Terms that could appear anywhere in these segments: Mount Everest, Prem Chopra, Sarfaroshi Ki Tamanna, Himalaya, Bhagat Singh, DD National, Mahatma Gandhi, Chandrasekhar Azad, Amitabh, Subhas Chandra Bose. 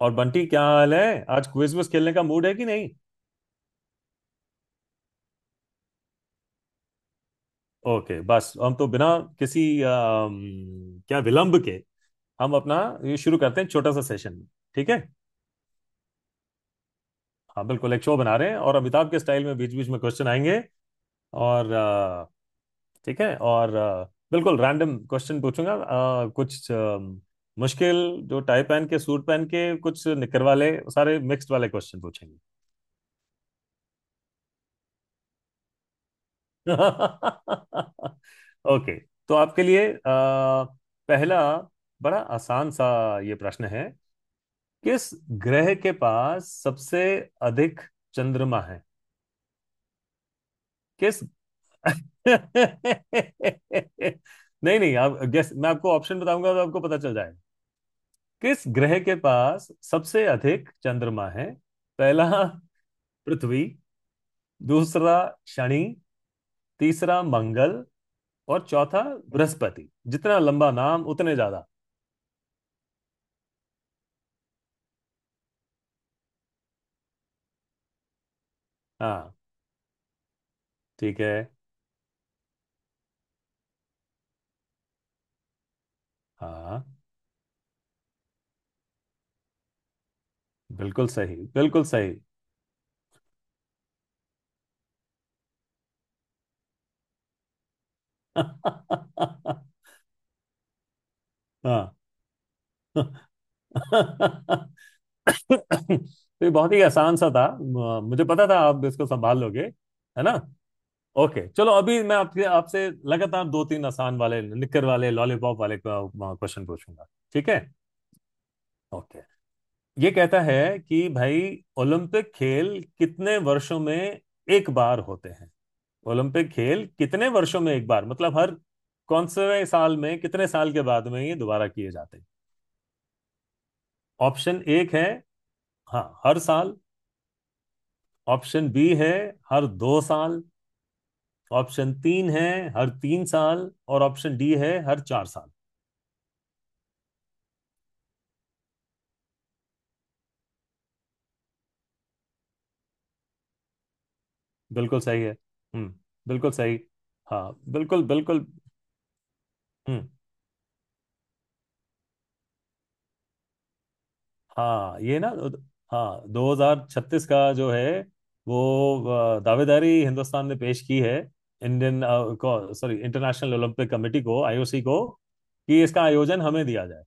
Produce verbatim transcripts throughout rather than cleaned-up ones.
और बंटी क्या हाल है आज क्विज विज खेलने का मूड है कि नहीं? ओके। बस हम तो बिना किसी अम, क्या विलंब के, हम अपना ये शुरू करते हैं छोटा सा सेशन। ठीक है। हाँ बिल्कुल, एक शो बना रहे हैं और अमिताभ के स्टाइल में बीच बीच में क्वेश्चन आएंगे। और अ, ठीक है। और अ, बिल्कुल रैंडम क्वेश्चन पूछूंगा, अ, कुछ अम, मुश्किल, जो टाई पहन के सूट पहन के कुछ निकर वाले सारे मिक्स्ड वाले क्वेश्चन पूछेंगे। ओके। तो आपके लिए अ, पहला बड़ा आसान सा ये प्रश्न है। किस ग्रह के पास सबसे अधिक चंद्रमा है? किस? नहीं नहीं, आप गेस। मैं आपको ऑप्शन बताऊंगा तो आपको पता चल जाएगा। किस ग्रह के पास सबसे अधिक चंद्रमा है? पहला पृथ्वी। दूसरा शनि। तीसरा मंगल। और चौथा बृहस्पति। जितना लंबा नाम उतने ज्यादा। हाँ। ठीक है। हाँ बिल्कुल सही, बिल्कुल सही। हाँ। तो ये बहुत ही आसान सा था, म- मुझे पता था आप इसको संभाल लोगे, है ना। ओके चलो, अभी मैं आपके आपसे लगातार दो तीन आसान वाले निक्कर वाले लॉलीपॉप वाले क्वेश्चन पूछूंगा। ठीक है। ओके। ये कहता है कि भाई, ओलंपिक खेल कितने वर्षों में एक बार होते हैं? ओलंपिक खेल कितने वर्षों में एक बार, मतलब हर कौन से साल में, कितने साल के बाद में ये दोबारा किए जाते हैं? ऑप्शन एक है हाँ हर साल। ऑप्शन बी है हर दो साल। ऑप्शन तीन है हर तीन साल। और ऑप्शन डी है हर चार साल। बिल्कुल सही है। हम्म। बिल्कुल सही। हाँ बिल्कुल बिल्कुल। हम्म। हाँ ये ना। हाँ दो हज़ार छत्तीस का जो है वो अ, दावेदारी हिंदुस्तान ने पेश की है। इंडियन अ, को, सॉरी, इंटरनेशनल ओलंपिक कमेटी को, आईओसी को, कि इसका आयोजन हमें दिया जाए।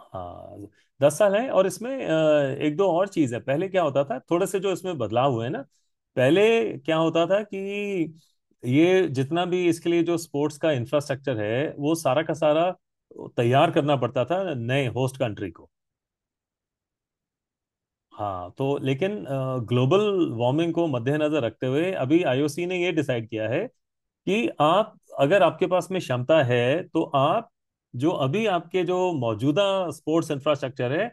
हाँ दस साल है, और इसमें अ, एक दो और चीज है। पहले क्या होता था, थोड़े से जो इसमें बदलाव हुए ना। पहले क्या होता था कि ये जितना भी इसके लिए जो स्पोर्ट्स का इंफ्रास्ट्रक्चर है वो सारा का सारा तैयार करना पड़ता था नए होस्ट कंट्री को। हाँ, तो लेकिन ग्लोबल वार्मिंग को मद्देनजर रखते हुए अभी आईओसी ने ये डिसाइड किया है कि आप, अगर आपके पास में क्षमता है, तो आप जो अभी आपके जो मौजूदा स्पोर्ट्स इंफ्रास्ट्रक्चर है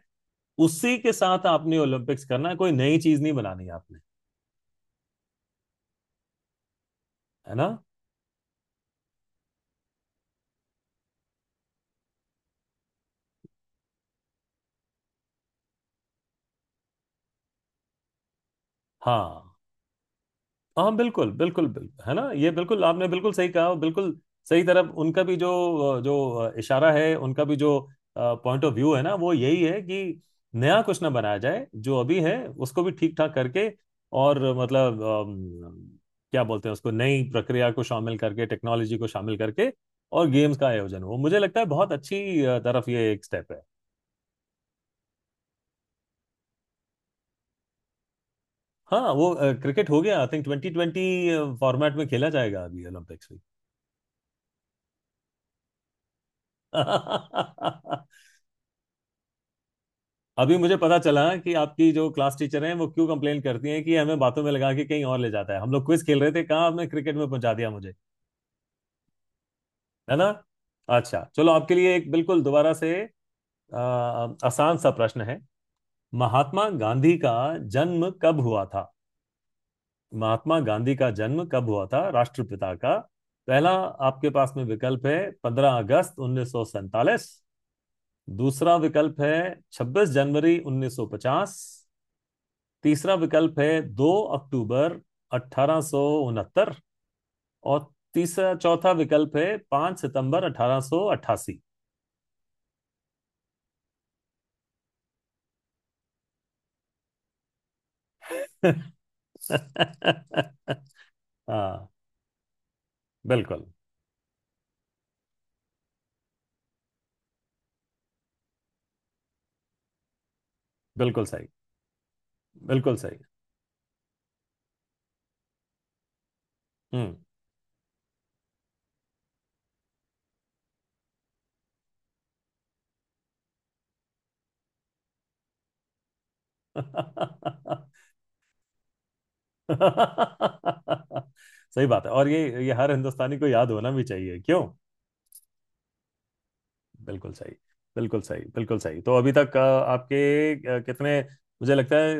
उसी के साथ आपने ओलंपिक्स करना है। कोई नई चीज नहीं बनानी है आपने। है ना। हाँ हाँ बिल्कुल बिल्कुल बिल्कुल, है ना। ये बिल्कुल, आपने बिल्कुल सही कहा, और बिल्कुल सही तरफ उनका भी जो जो इशारा है, उनका भी जो पॉइंट ऑफ व्यू है ना, वो यही है कि नया कुछ ना बनाया जाए, जो अभी है उसको भी ठीक ठाक करके। और मतलब अम, क्या बोलते हैं उसको, नई प्रक्रिया को शामिल करके, टेक्नोलॉजी को शामिल करके, और गेम्स का आयोजन हो। मुझे लगता है बहुत अच्छी अ, तरफ ये एक स्टेप है। हाँ वो क्रिकेट हो गया, I think twenty twenty format में खेला जाएगा अभी ओलंपिक्स में। अभी मुझे पता चला कि आपकी जो क्लास टीचर हैं वो क्यों कंप्लेन करती हैं कि हमें बातों में लगा के कहीं और ले जाता है। हम लोग क्विज खेल रहे थे, कहाँ आपने क्रिकेट में पहुंचा दिया मुझे। है ना। अच्छा चलो, आपके लिए एक बिल्कुल दोबारा से अ, आसान सा प्रश्न है। महात्मा गांधी का जन्म कब हुआ था? महात्मा गांधी का जन्म कब हुआ था, राष्ट्रपिता का? पहला आपके पास में विकल्प है पंद्रह अगस्त उन्नीस सौ सैंतालीस। दूसरा विकल्प है छब्बीस जनवरी उन्नीस सौ पचास। तीसरा विकल्प है दो अक्टूबर अठारह सौ उनहत्तर। और तीसरा चौथा विकल्प है पाँच सितंबर अठारह सौ अठासी। हाँ बिल्कुल, बिल्कुल सही, बिल्कुल सही। हम्म। सही बात है। और ये ये हर हिंदुस्तानी को याद होना भी चाहिए, क्यों? बिल्कुल सही, बिल्कुल सही, बिल्कुल सही। तो अभी तक अ, आपके अ, कितने, मुझे लगता है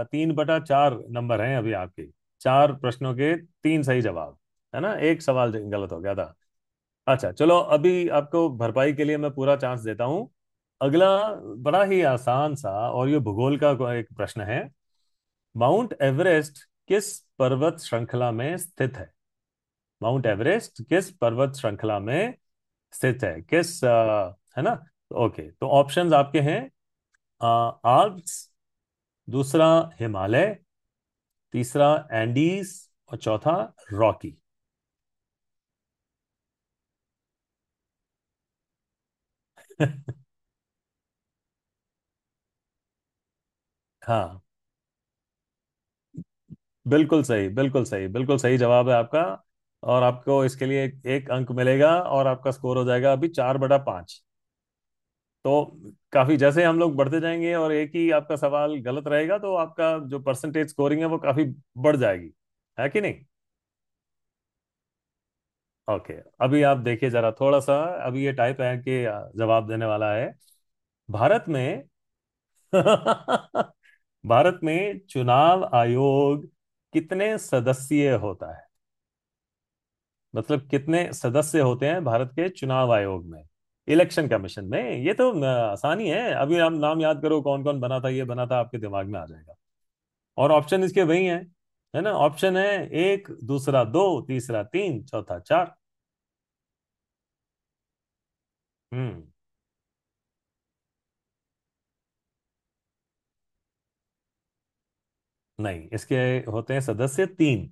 अ, तीन बटा चार नंबर हैं अभी आपके। चार प्रश्नों के तीन सही जवाब, है ना। एक सवाल जो गलत हो गया था। अच्छा चलो, अभी आपको भरपाई के लिए मैं पूरा चांस देता हूँ। अगला बड़ा ही आसान सा, और ये भूगोल का को- एक प्रश्न है। माउंट एवरेस्ट किस पर्वत श्रृंखला में स्थित है? माउंट एवरेस्ट किस पर्वत श्रृंखला में स्थित है, किस अ, है ना। ओके। तो ऑप्शंस आपके हैं आल्प्स। दूसरा हिमालय। तीसरा एंडीज। और चौथा रॉकी। हाँ बिल्कुल सही, बिल्कुल सही, बिल्कुल सही जवाब है आपका। और आपको इसके लिए एक, एक अंक मिलेगा, और आपका स्कोर हो जाएगा अभी चार बटा पाँच। तो काफी, जैसे हम लोग बढ़ते जाएंगे और एक ही आपका सवाल गलत रहेगा, तो आपका जो परसेंटेज स्कोरिंग है वो काफी बढ़ जाएगी, है कि नहीं। ओके। अभी आप देखिए जरा थोड़ा सा। अभी ये टाइप है कि जवाब देने वाला है। भारत में भारत में चुनाव आयोग कितने सदस्यीय होता है? मतलब कितने सदस्य होते हैं भारत के चुनाव आयोग में, इलेक्शन कमीशन में। ये तो न, आसानी है, अभी हम नाम याद करो कौन कौन बना था, ये बना था, आपके दिमाग में आ जाएगा। और ऑप्शन इसके वही है है ना। ऑप्शन है एक, दूसरा दो, तीसरा तीन, चौथा चार। हम्म। नहीं, इसके होते हैं सदस्य तीन।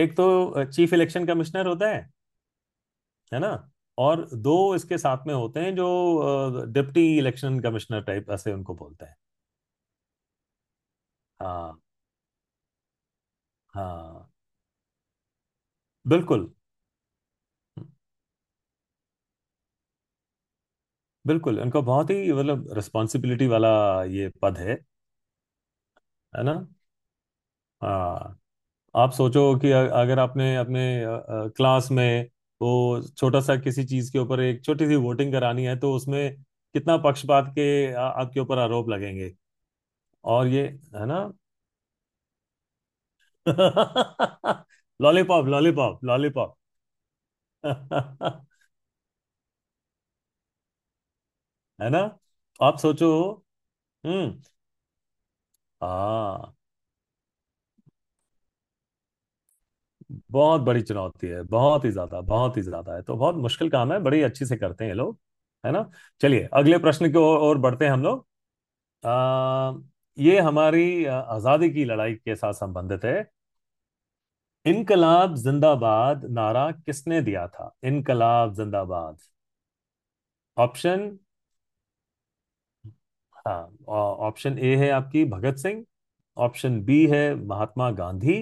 एक तो चीफ इलेक्शन कमिश्नर होता है है ना। और दो इसके साथ में होते हैं जो डिप्टी इलेक्शन कमिश्नर टाइप ऐसे उनको बोलते हैं। हाँ हाँ बिल्कुल। बिल्कुल उनको बहुत ही, मतलब, रिस्पॉन्सिबिलिटी वाला ये पद है। है ना। हाँ आप सोचो कि अ- अगर आपने अपने क्लास में वो छोटा सा किसी चीज के ऊपर एक छोटी सी वोटिंग करानी है, तो उसमें कितना पक्षपात के आ, आपके ऊपर आरोप लगेंगे। और ये, है ना। Lollipop lollipop lollipop. है ना। आप सोचो। हम्म। हाँ। बहुत बड़ी चुनौती है, बहुत ही ज्यादा, बहुत ही ज्यादा है, तो बहुत मुश्किल काम है, बड़ी अच्छी से करते हैं ये लोग, है ना। चलिए, अगले प्रश्न की ओर ओर बढ़ते हैं हम लोग। आ, ये हमारी अ, आजादी की लड़ाई के साथ संबंधित है। इनकलाब जिंदाबाद नारा किसने दिया था, इनकलाब जिंदाबाद? ऑप्शन, हाँ। ऑप्शन ए है आपकी भगत सिंह। ऑप्शन बी है महात्मा गांधी।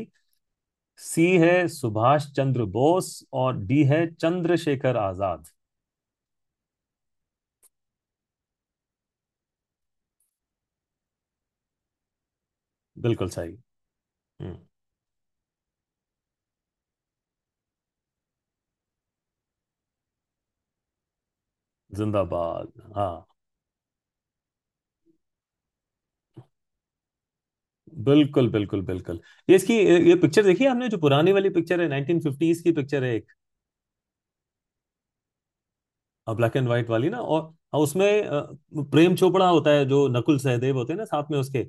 सी है सुभाष चंद्र बोस। और डी है चंद्रशेखर आजाद। बिल्कुल सही। हम्म, जिंदाबाद, हाँ, बिल्कुल बिल्कुल बिल्कुल। ये इसकी ये पिक्चर देखिए, आपने जो पुरानी वाली पिक्चर है नाइन्टीन फिफ्टीज़ की पिक्चर है एक, ब्लैक एंड व्हाइट वाली ना। और हाँ, उसमें अ, प्रेम चोपड़ा होता है, जो नकुल सहदेव होते हैं ना साथ में उसके,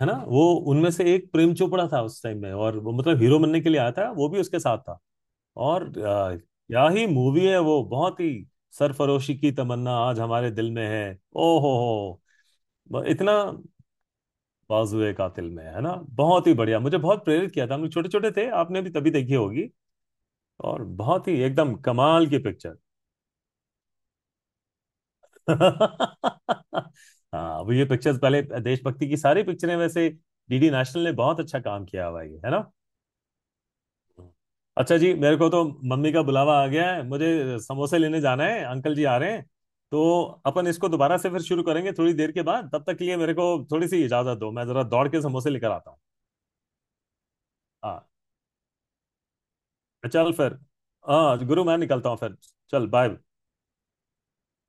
है ना। वो उनमें से एक प्रेम चोपड़ा था उस टाइम में, और वो मतलब हीरो बनने के लिए आया था, वो भी उसके साथ था। और आ, क्या ही मूवी है वो, बहुत ही। सरफरोशी की तमन्ना आज हमारे दिल में है। ओ हो हो। ब- इतना बाजुए कातिल में है ना। बहुत ही बढ़िया, मुझे बहुत प्रेरित किया था। हम लोग छोटे छोटे थे, आपने भी तभी देखी होगी। और बहुत ही एकदम कमाल की पिक्चर। हाँ, अब ये पिक्चर्स पहले देशभक्ति की सारी पिक्चरें वैसे डीडी नेशनल ने बहुत अच्छा काम किया हुआ है ये, है ना। अच्छा जी, मेरे को तो मम्मी का बुलावा आ गया है, मुझे समोसे लेने जाना है, अंकल जी आ रहे हैं। तो अपन इसको दोबारा से फिर शुरू करेंगे थोड़ी देर के बाद, तब तक के लिए मेरे को थोड़ी सी इजाजत दो, मैं जरा दौड़ के समोसे लेकर आता हूँ। हाँ। चल फिर। हाँ गुरु मैं निकलता हूँ फिर। चल बाय।